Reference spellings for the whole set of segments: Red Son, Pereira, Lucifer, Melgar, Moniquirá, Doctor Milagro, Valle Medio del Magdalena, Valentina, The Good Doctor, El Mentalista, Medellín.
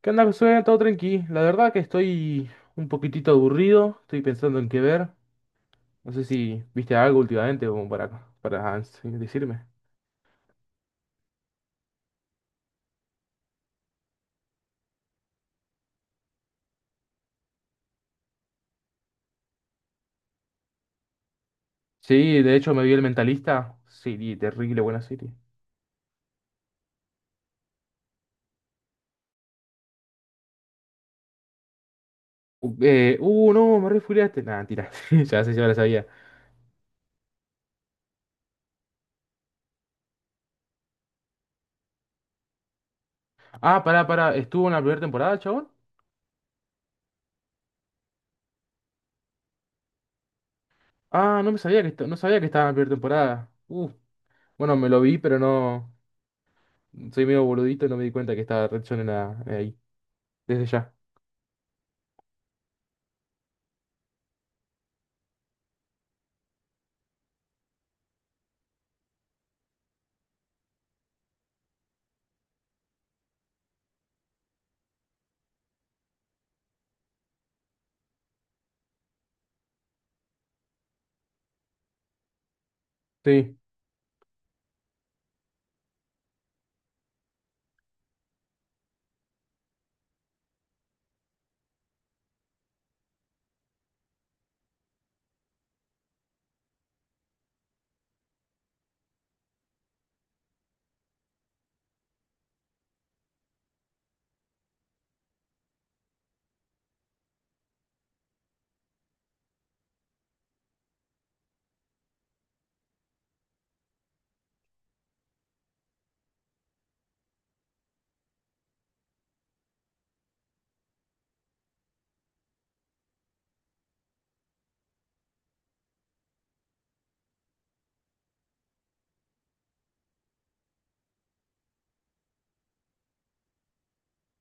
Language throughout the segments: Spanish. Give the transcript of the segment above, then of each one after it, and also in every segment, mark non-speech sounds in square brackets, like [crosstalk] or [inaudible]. ¿Qué onda, Josué? Todo tranqui. La verdad que estoy un poquitito aburrido. Estoy pensando en qué ver. No sé si viste algo últimamente como para decirme. Sí, de hecho me vi El Mentalista. Serie terrible, buena serie. No, me refugiaste. Nah, tira. [laughs] Ya sé, ya la sabía. Ah, pará, pará. ¿Estuvo en la primera temporada, chabón? Ah, no me sabía que, no sabía que estaba en la primera temporada. Bueno, me lo vi, pero no. Soy medio boludito y no me di cuenta que estaba Red Son en la, ahí. Desde ya. Sí,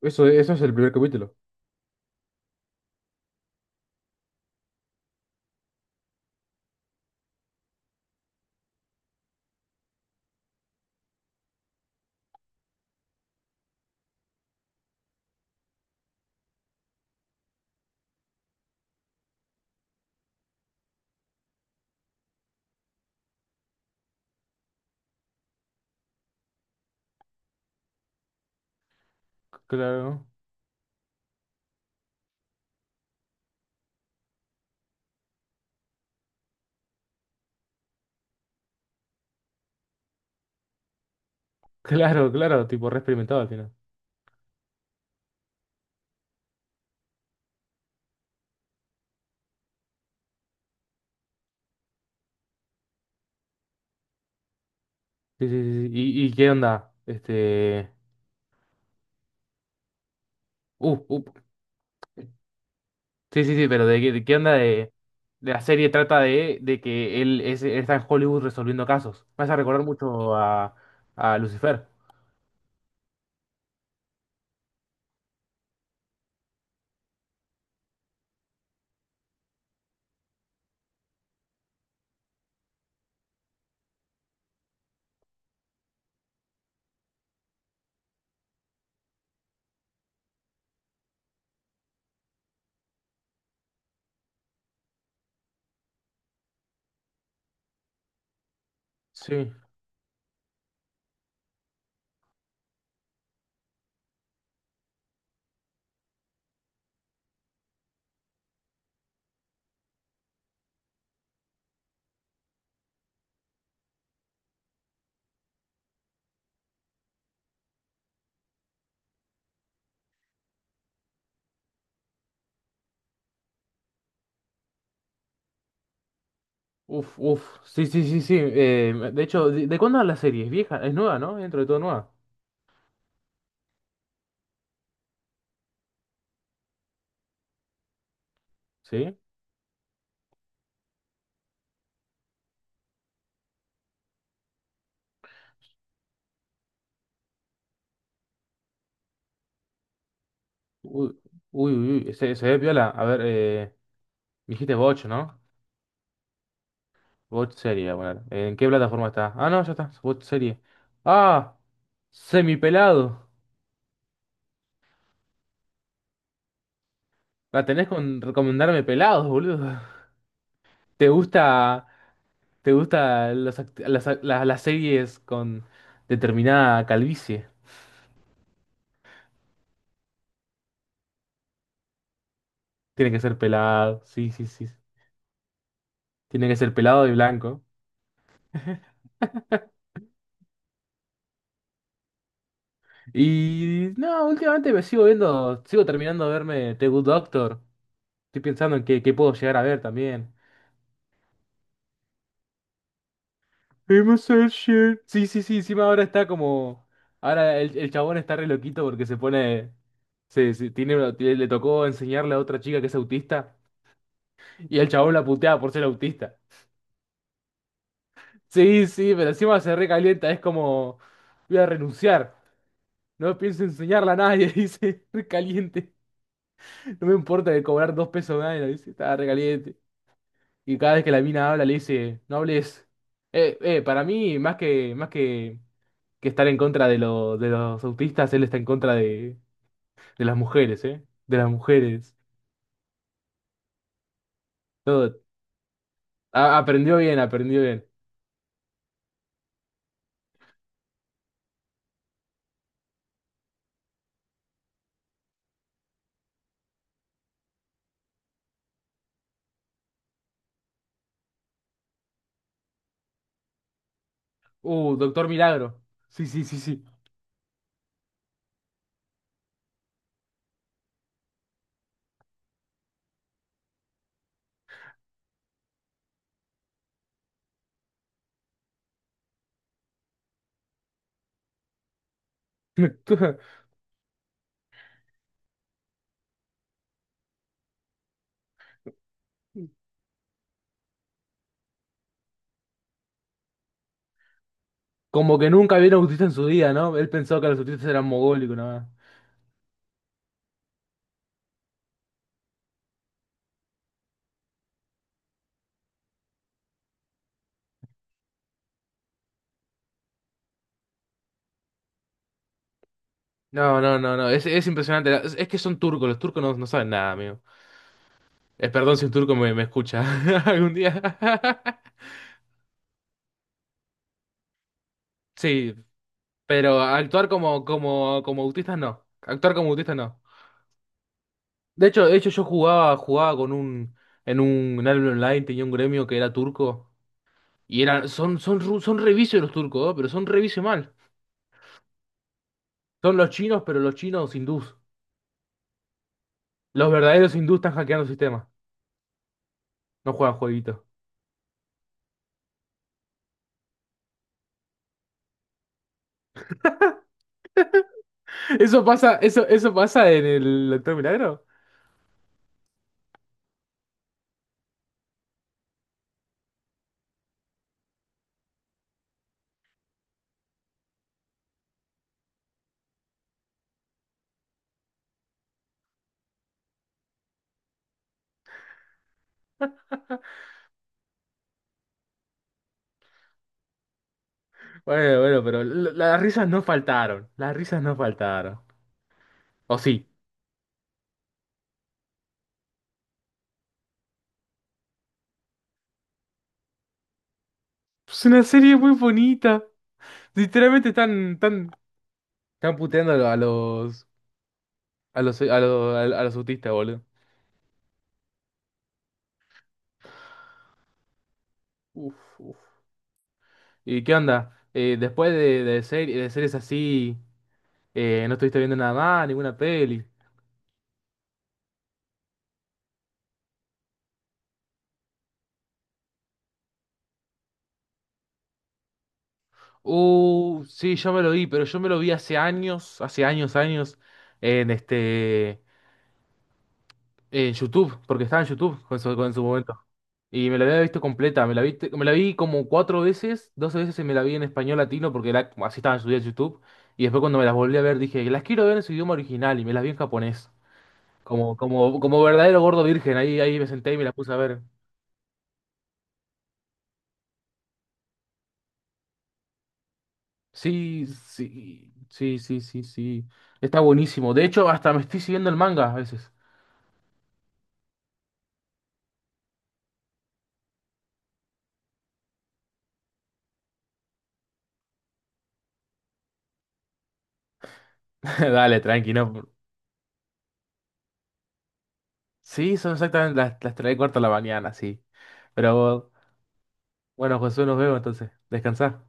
eso es el primer capítulo. Claro, [laughs] claro, claro, tipo re experimentado al final. Sí, sí, sí. Sí. ¿Y qué onda? Uh, uh. Sí, sí, sí, pero de qué onda de. De la serie trata de, que él está en Hollywood resolviendo casos. Me hace recordar mucho a Lucifer. Sí. Uf, uf. Sí, sí, sí, sí. De hecho, ¿de cuándo es la serie? Es vieja, es nueva, ¿no? Dentro de todo nueva. Sí. Uy, uy, uy. Se ve piola. A ver, me dijiste Boch, ¿no? Bot serie, bueno. ¿En qué plataforma está? Ah, no, ya está. Bot serie. Ah, semipelado. La tenés con recomendarme pelados, boludo. [laughs] ¿Te gusta, te gusta los act- las series con determinada calvicie? Tiene que ser pelado. Sí, sí, sí. Tiene que ser pelado y blanco. [laughs] Y no, últimamente me sigo viendo, sigo terminando de verme The Good Doctor. Estoy pensando en qué puedo llegar a ver también. Hemos hecho shit. Sí, sí, sí, encima ahora está como. Ahora el chabón está re loquito porque se pone. Le tocó enseñarle a otra chica que es autista. Y el chabón la putea por ser autista. Sí, sí, pero encima se recalienta. Es como. Voy a renunciar. No pienso enseñarla a nadie. [laughs] Dice, recaliente. No me importa de cobrar dos pesos a nadie. Dice, está recaliente. Y cada vez que la mina habla, le dice, no hables. Para mí, más que, más que. Que estar en contra de los autistas, él está en contra de las mujeres, ¿eh? De las mujeres. Todo. Aprendió bien, aprendió bien. Doctor Milagro. Sí, sí, sí, sí. [laughs] Como que nunca vieron autista en su vida, ¿no? Él pensó que los autistas eran mogólicos, nada más. No, no, no, no. Es impresionante. Es que son turcos. Los turcos no, no saben nada, amigo. Perdón si un turco me escucha [laughs] algún día. [laughs] Sí, pero actuar como autistas no. Actuar como autistas no. De hecho yo jugaba, jugaba con un en gremio online, tenía un gremio que era turco. Y eran, son revicios los turcos, ¿no? Pero son revicios mal. Son los chinos, pero los chinos hindús. Los verdaderos hindús están hackeando el sistema. No juegan jueguitos. [laughs] Eso pasa, eso pasa en el Doctor Milagro. [laughs] Bueno, bueno, pero las risas no faltaron. Las risas no faltaron. O sí. Es una serie muy bonita. Literalmente están puteando a los, a los, a los, a los, a los autistas, boludo. Uf, uf. ¿Y qué onda? Después de series así, ¿no estuviste viendo nada más, ninguna peli? Sí, yo me lo vi, pero yo me lo vi hace años, años, en este, en YouTube, porque estaba en YouTube con en su momento. Y me la había visto completa, me la vi como 4 veces, 12 veces y me la vi en español latino porque así estaba subida en YouTube. Y después cuando me las volví a ver dije, las quiero ver en su idioma original y me las vi en japonés. Como verdadero gordo virgen, ahí me senté y me la puse a ver. Sí, sí, sí, sí, sí, sí. Está buenísimo. De hecho, hasta me estoy siguiendo el manga a veces. [laughs] Dale, tranqui, no. Sí, son exactamente las 3 y cuarto de la mañana, sí. Pero bueno, José, nos vemos entonces. Descansá.